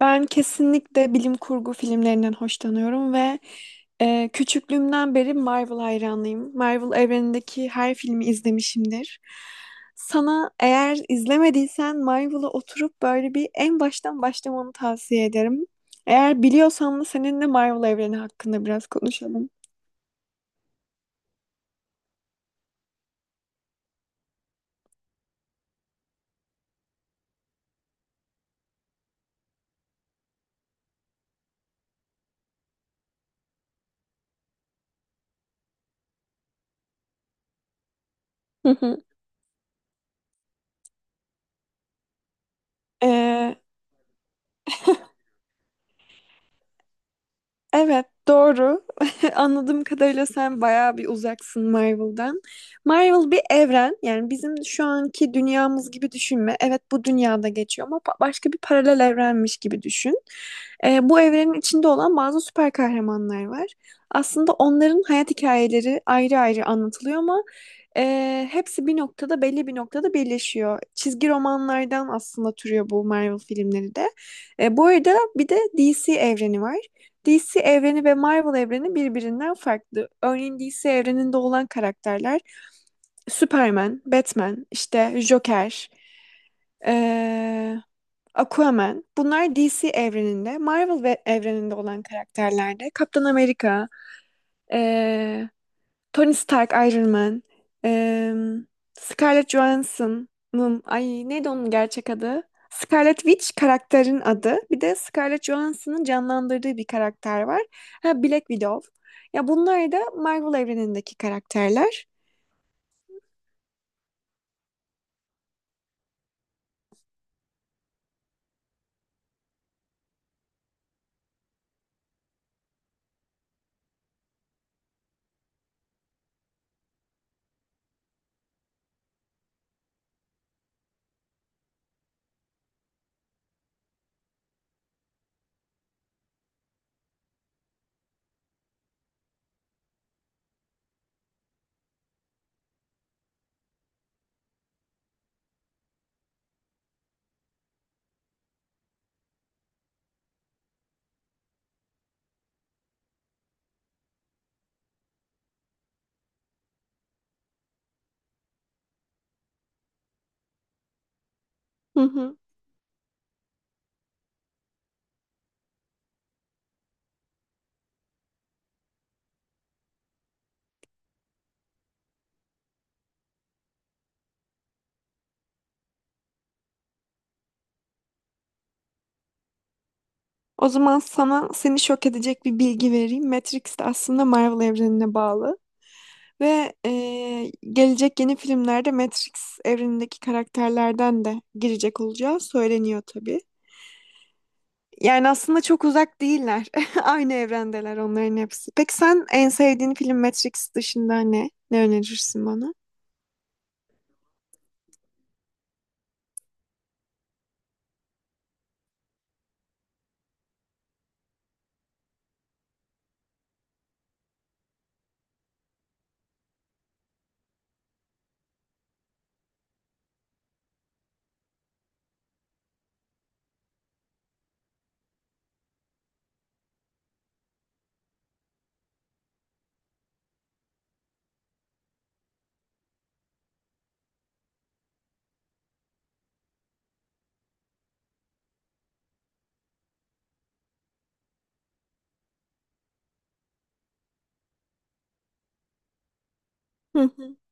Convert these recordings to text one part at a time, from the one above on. Ben kesinlikle bilim kurgu filmlerinden hoşlanıyorum ve küçüklüğümden beri Marvel hayranıyım. Marvel evrenindeki her filmi izlemişimdir. Sana eğer izlemediysen Marvel'a oturup böyle bir en baştan başlamanı tavsiye ederim. Eğer biliyorsan da seninle Marvel evreni hakkında biraz konuşalım. Hı hı. Evet, doğru. Anladığım kadarıyla sen bayağı bir uzaksın Marvel'dan. Marvel bir evren. Yani bizim şu anki dünyamız gibi düşünme. Evet, bu dünyada geçiyor ama başka bir paralel evrenmiş gibi düşün. Bu evrenin içinde olan bazı süper kahramanlar var. Aslında onların hayat hikayeleri ayrı ayrı anlatılıyor ama hepsi bir noktada, belli bir noktada birleşiyor. Çizgi romanlardan aslında türüyor bu Marvel filmleri de. Bu arada bir de DC evreni var. DC evreni ve Marvel evreni birbirinden farklı. Örneğin DC evreninde olan karakterler Superman, Batman, işte Joker, eee, Aquaman. Bunlar DC evreninde. Marvel ve evreninde olan karakterlerde, de Kaptan Amerika, ee, Tony Stark, Iron Man, em, Scarlett Johansson'ın, ay neydi onun gerçek adı? Scarlet Witch karakterin adı. Bir de Scarlett Johansson'ın canlandırdığı bir karakter var. Ha, Black Widow. Ya bunlar da Marvel evrenindeki karakterler. Hı hı. O zaman sana, seni şok edecek bir bilgi vereyim. Matrix de aslında Marvel evrenine bağlı. Ve gelecek yeni filmlerde Matrix evrenindeki karakterlerden de girecek olacağı söyleniyor tabii. Yani aslında çok uzak değiller. Aynı evrendeler onların hepsi. Peki sen, en sevdiğin film Matrix dışında ne? Ne önerirsin bana?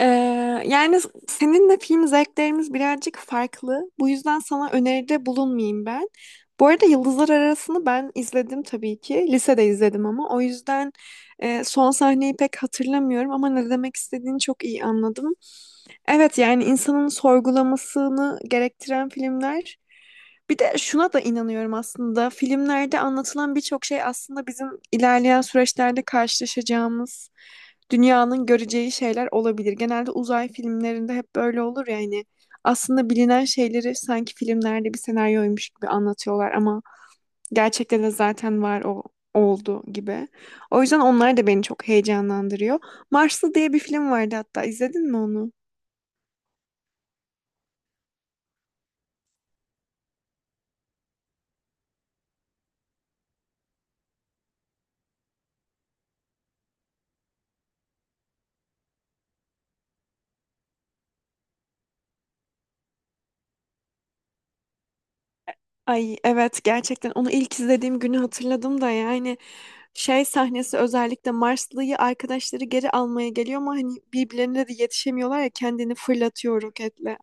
Ee, yani seninle film zevklerimiz birazcık farklı. Bu yüzden sana öneride bulunmayayım ben. Bu arada Yıldızlar Arası'nı ben izledim tabii ki. Lisede izledim ama. O yüzden son sahneyi pek hatırlamıyorum ama ne demek istediğini çok iyi anladım. Evet, yani insanın sorgulamasını gerektiren filmler. Bir de şuna da inanıyorum aslında. Filmlerde anlatılan birçok şey aslında bizim ilerleyen süreçlerde karşılaşacağımız, dünyanın göreceği şeyler olabilir. Genelde uzay filmlerinde hep böyle olur yani. Aslında bilinen şeyleri sanki filmlerde bir senaryoymuş gibi anlatıyorlar ama gerçekte de zaten var, o oldu gibi. O yüzden onlar da beni çok heyecanlandırıyor. Marslı diye bir film vardı hatta. İzledin mi onu? Ay evet, gerçekten onu ilk izlediğim günü hatırladım da yani şey sahnesi, özellikle Marslı'yı arkadaşları geri almaya geliyor ama hani birbirlerine de yetişemiyorlar ya, kendini fırlatıyor roketle.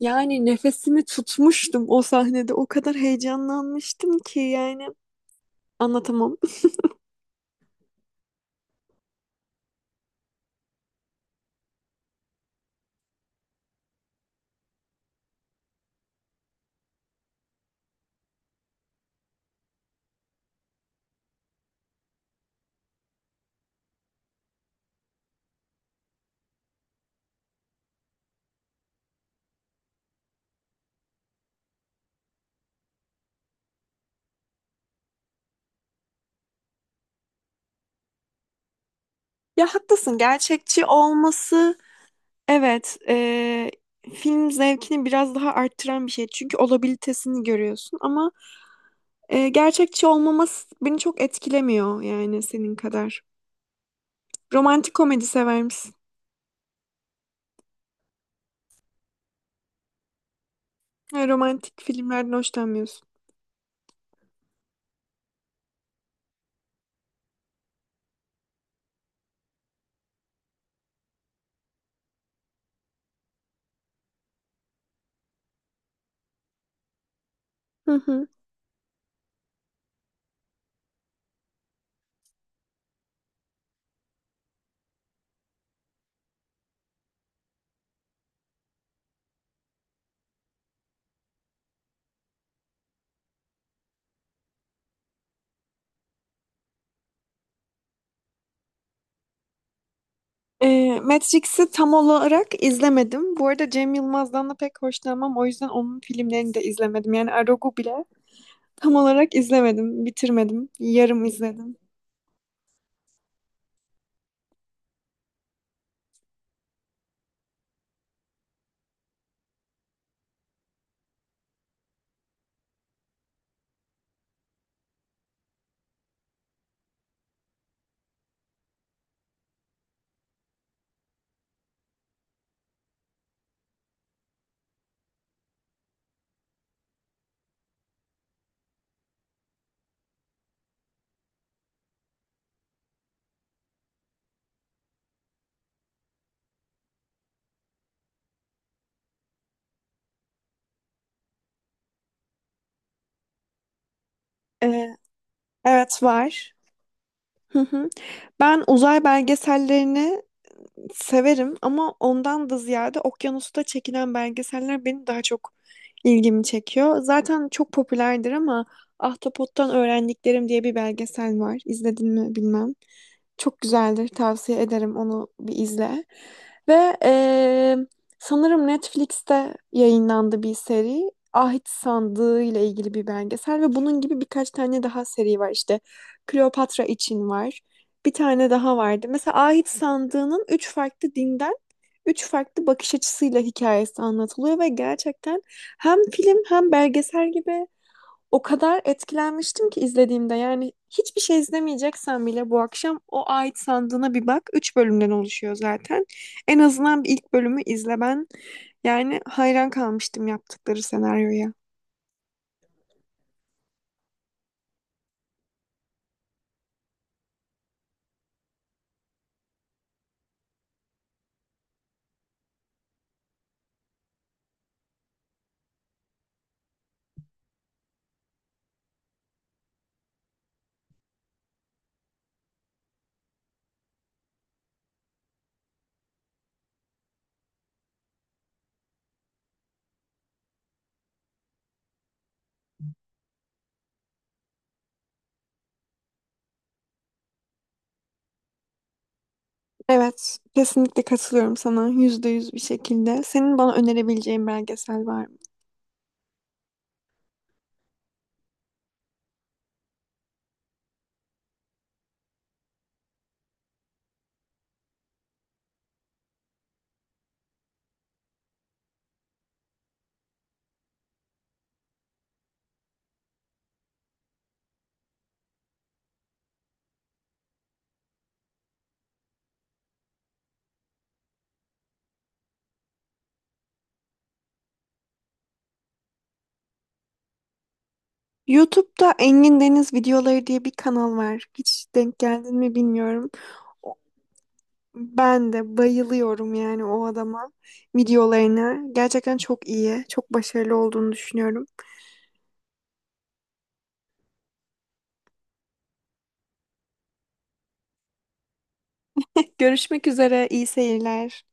Yani nefesimi tutmuştum o sahnede, o kadar heyecanlanmıştım ki yani anlatamam. Ya haklısın, gerçekçi olması evet film zevkini biraz daha arttıran bir şey çünkü olabilitesini görüyorsun ama gerçekçi olmaması beni çok etkilemiyor yani senin kadar. Romantik komedi sever misin? Ha, romantik filmlerden hoşlanmıyorsun. Hı hı. Matrix'i tam olarak izlemedim. Bu arada Cem Yılmaz'dan da pek hoşlanmam. O yüzden onun filmlerini de izlemedim. Yani Arog'u bile tam olarak izlemedim. Bitirmedim. Yarım izledim. E, evet, var. Hı hı. Ben uzay belgesellerini severim ama ondan da ziyade okyanusta çekilen belgeseller benim daha çok ilgimi çekiyor. Zaten çok popülerdir ama Ahtapot'tan Öğrendiklerim diye bir belgesel var. İzledin mi bilmem. Çok güzeldir. Tavsiye ederim, onu bir izle. Ve sanırım Netflix'te yayınlandı bir seri. Ahit Sandığı ile ilgili bir belgesel ve bunun gibi birkaç tane daha seri var. İşte Kleopatra için var. Bir tane daha vardı. Mesela Ahit Sandığı'nın 3 farklı dinden 3 farklı bakış açısıyla hikayesi anlatılıyor ve gerçekten hem film hem belgesel gibi, o kadar etkilenmiştim ki izlediğimde, yani hiçbir şey izlemeyeceksen bile bu akşam o ait sandığına bir bak. 3 bölümden oluşuyor zaten. En azından bir ilk bölümü izle ben. Yani hayran kalmıştım yaptıkları senaryoya. Evet, kesinlikle katılıyorum sana %100 bir şekilde. Senin bana önerebileceğin belgesel var mı? YouTube'da Engin Deniz videoları diye bir kanal var. Hiç denk geldin mi bilmiyorum. Ben de bayılıyorum yani o adama, videolarına. Gerçekten çok iyi, çok başarılı olduğunu düşünüyorum. Görüşmek üzere, iyi seyirler.